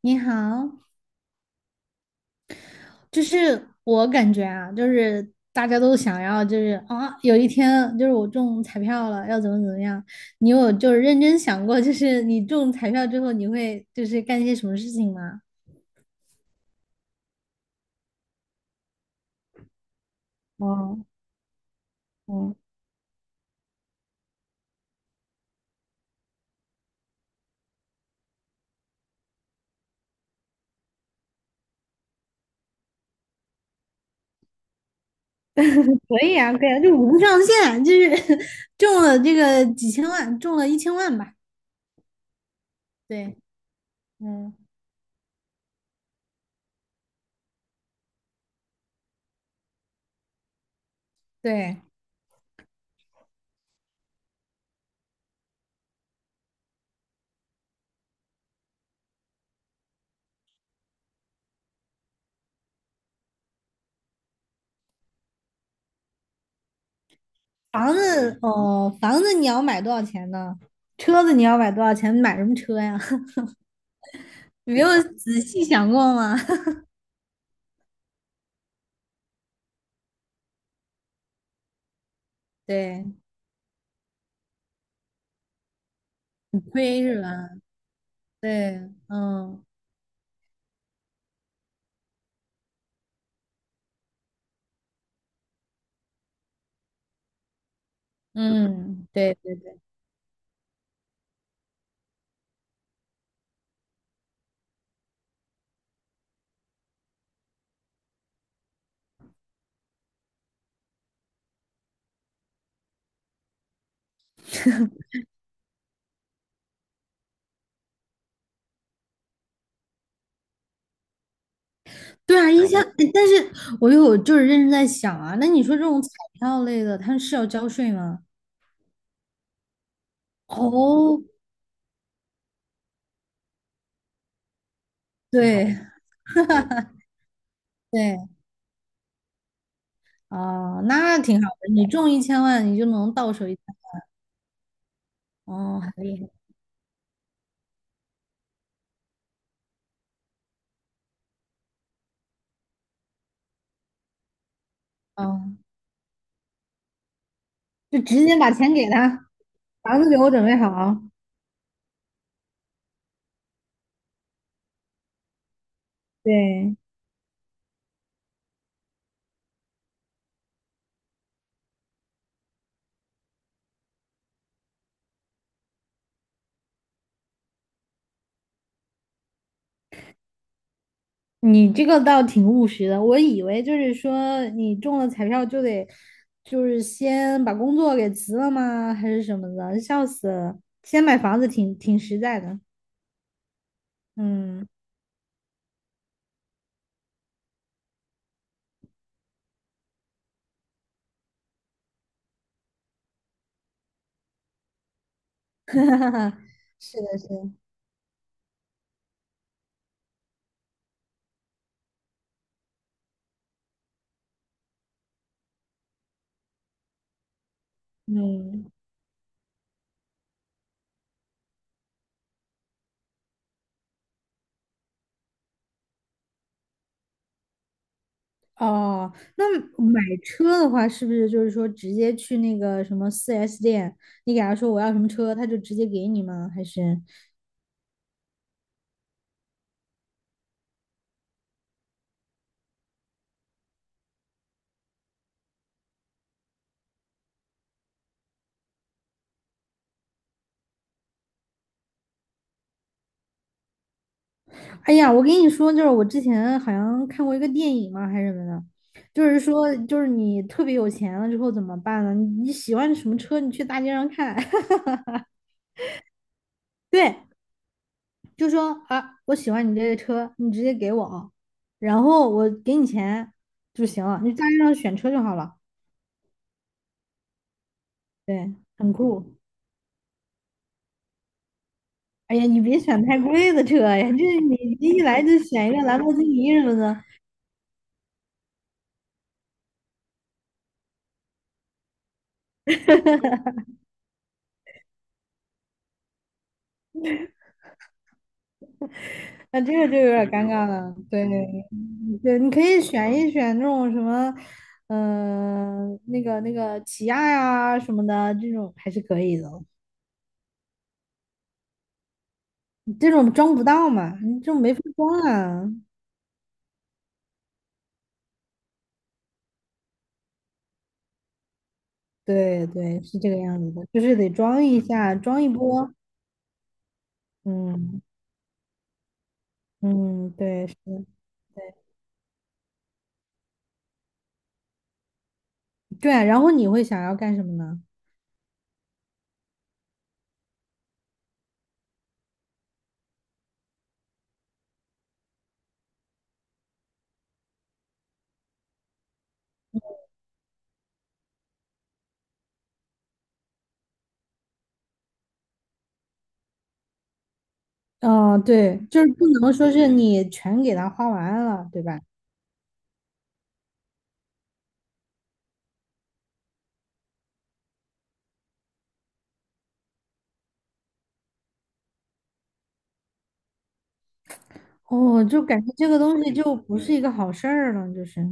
你好，就是我感觉啊，就是大家都想要，就是啊，有一天就是我中彩票了，要怎么怎么样？你有就是认真想过，就是你中彩票之后，你会就是干些什么事情吗？啊，对啊，就无上限，就是 中了这个几千万，中了一千万吧。对，嗯，对，房子哦，房子你要买多少钱呢？车子你要买多少钱？买什么车呀？你没有仔细想过吗？对，很亏是吧？对，嗯嗯，对对对，对啊，一千，哎但是我有就是认真在想啊，那你说这种彩票类的，它是要交税吗？哦，对对，啊、那挺好的，你中一千万，你就能到手一千，哦，很厉害。哦，就直接把钱给他，房子给我准备好，对，你这个倒挺务实的，我以为就是说你中了彩票就得，就是先把工作给辞了吗？还是什么的？笑死了！先买房子挺实在的，嗯，是的，是的，嗯，哦，那买车的话，是不是就是说直接去那个什么4S店，你给他说我要什么车，他就直接给你吗？还是？哎呀，我跟你说，就是我之前好像看过一个电影嘛，还是什么的，就是说，就是你特别有钱了之后怎么办呢？你喜欢什么车，你去大街上看，对，就说啊，我喜欢你这个车，你直接给我，然后我给你钱就行了，你大街上选车就好了，对，很酷。哎呀，你别选太贵的车呀，就是你一来就选一个兰博基尼什么的，那这个就有点尴尬了，对。对，你可以选一选那种什么，嗯、那个那个起亚呀什么的，这种还是可以的。这种装不到嘛，你这种没法装啊。对对，是这个样子的，就是得装一下，装一波。嗯嗯，对，是的，对对啊然后你会想要干什么呢？嗯、对，就是不能说是你全给它花完了，对吧？哦，就感觉这个东西就不是一个好事儿了，就是。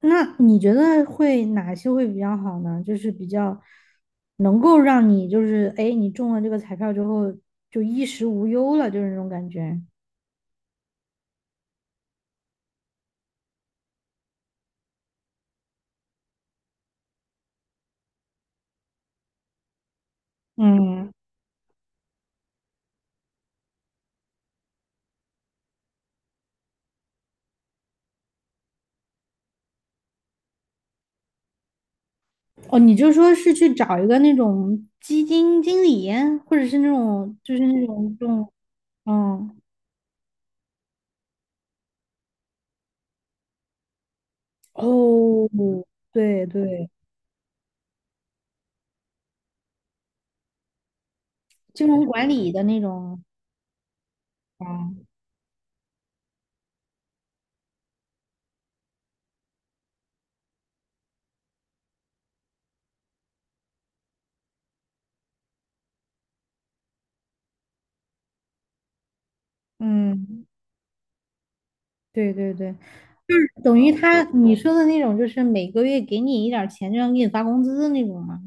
那你觉得会哪些会比较好呢？就是比较能够让你就是哎，诶你中了这个彩票之后就衣食无忧了，就是那种感觉。嗯，哦，你就说是去找一个那种基金经理，或者是那种就是那种这种嗯哦，对对，金融管理的那种。嗯，嗯，对对对，等于他你说的那种，就是每个月给你一点儿钱，就像给你发工资的那种吗？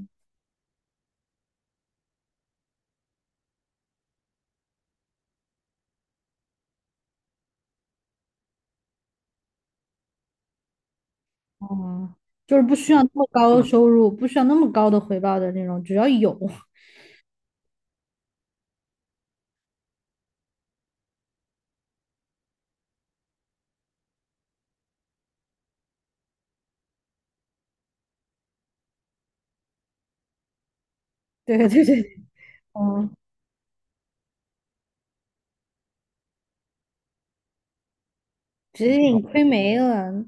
哦，就是不需要那么高的收入，不需要那么高的回报的那种，只要有，对对对对，嗯，直接给你亏没了，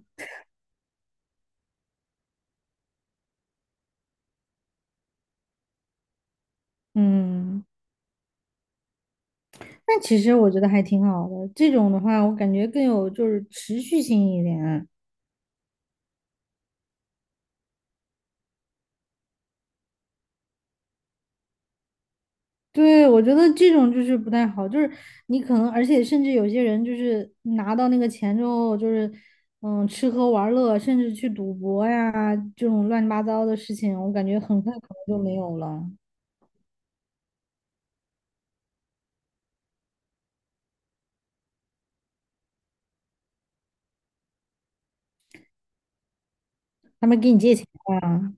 嗯，那其实我觉得还挺好的，这种的话，我感觉更有就是持续性一点。对，我觉得这种就是不太好，就是你可能，而且甚至有些人就是拿到那个钱之后，就是嗯，吃喝玩乐，甚至去赌博呀，这种乱七八糟的事情，我感觉很快可能就没有了。他们给你借钱啊，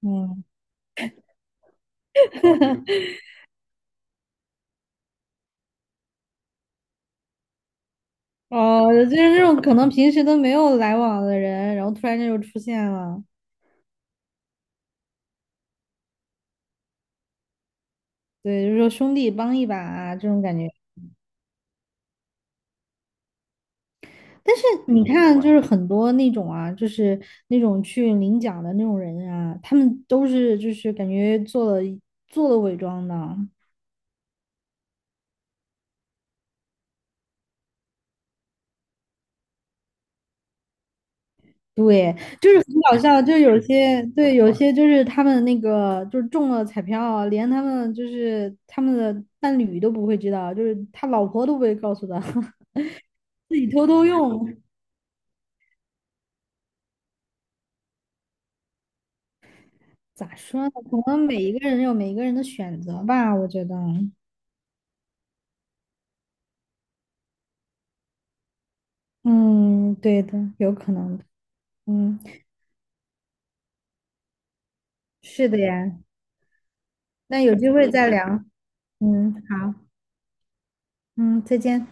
嗯，哦，就是那种可能平时都没有来往的人，然后突然间就出现了，对，就是说兄弟帮一把啊这种感觉。但是你看，就是很多那种啊，就是那种去领奖的那种人啊，他们都是就是感觉做了伪装的，对，就是很搞笑，就有些对，有些就是他们那个就是中了彩票，连他们就是他们的伴侣都不会知道，就是他老婆都不会告诉他，自己偷偷用。咋说呢？可能每一个人有每一个人的选择吧，我觉得，嗯，对的，有可能的，嗯，是的呀。那有机会再聊，嗯，好，嗯，再见。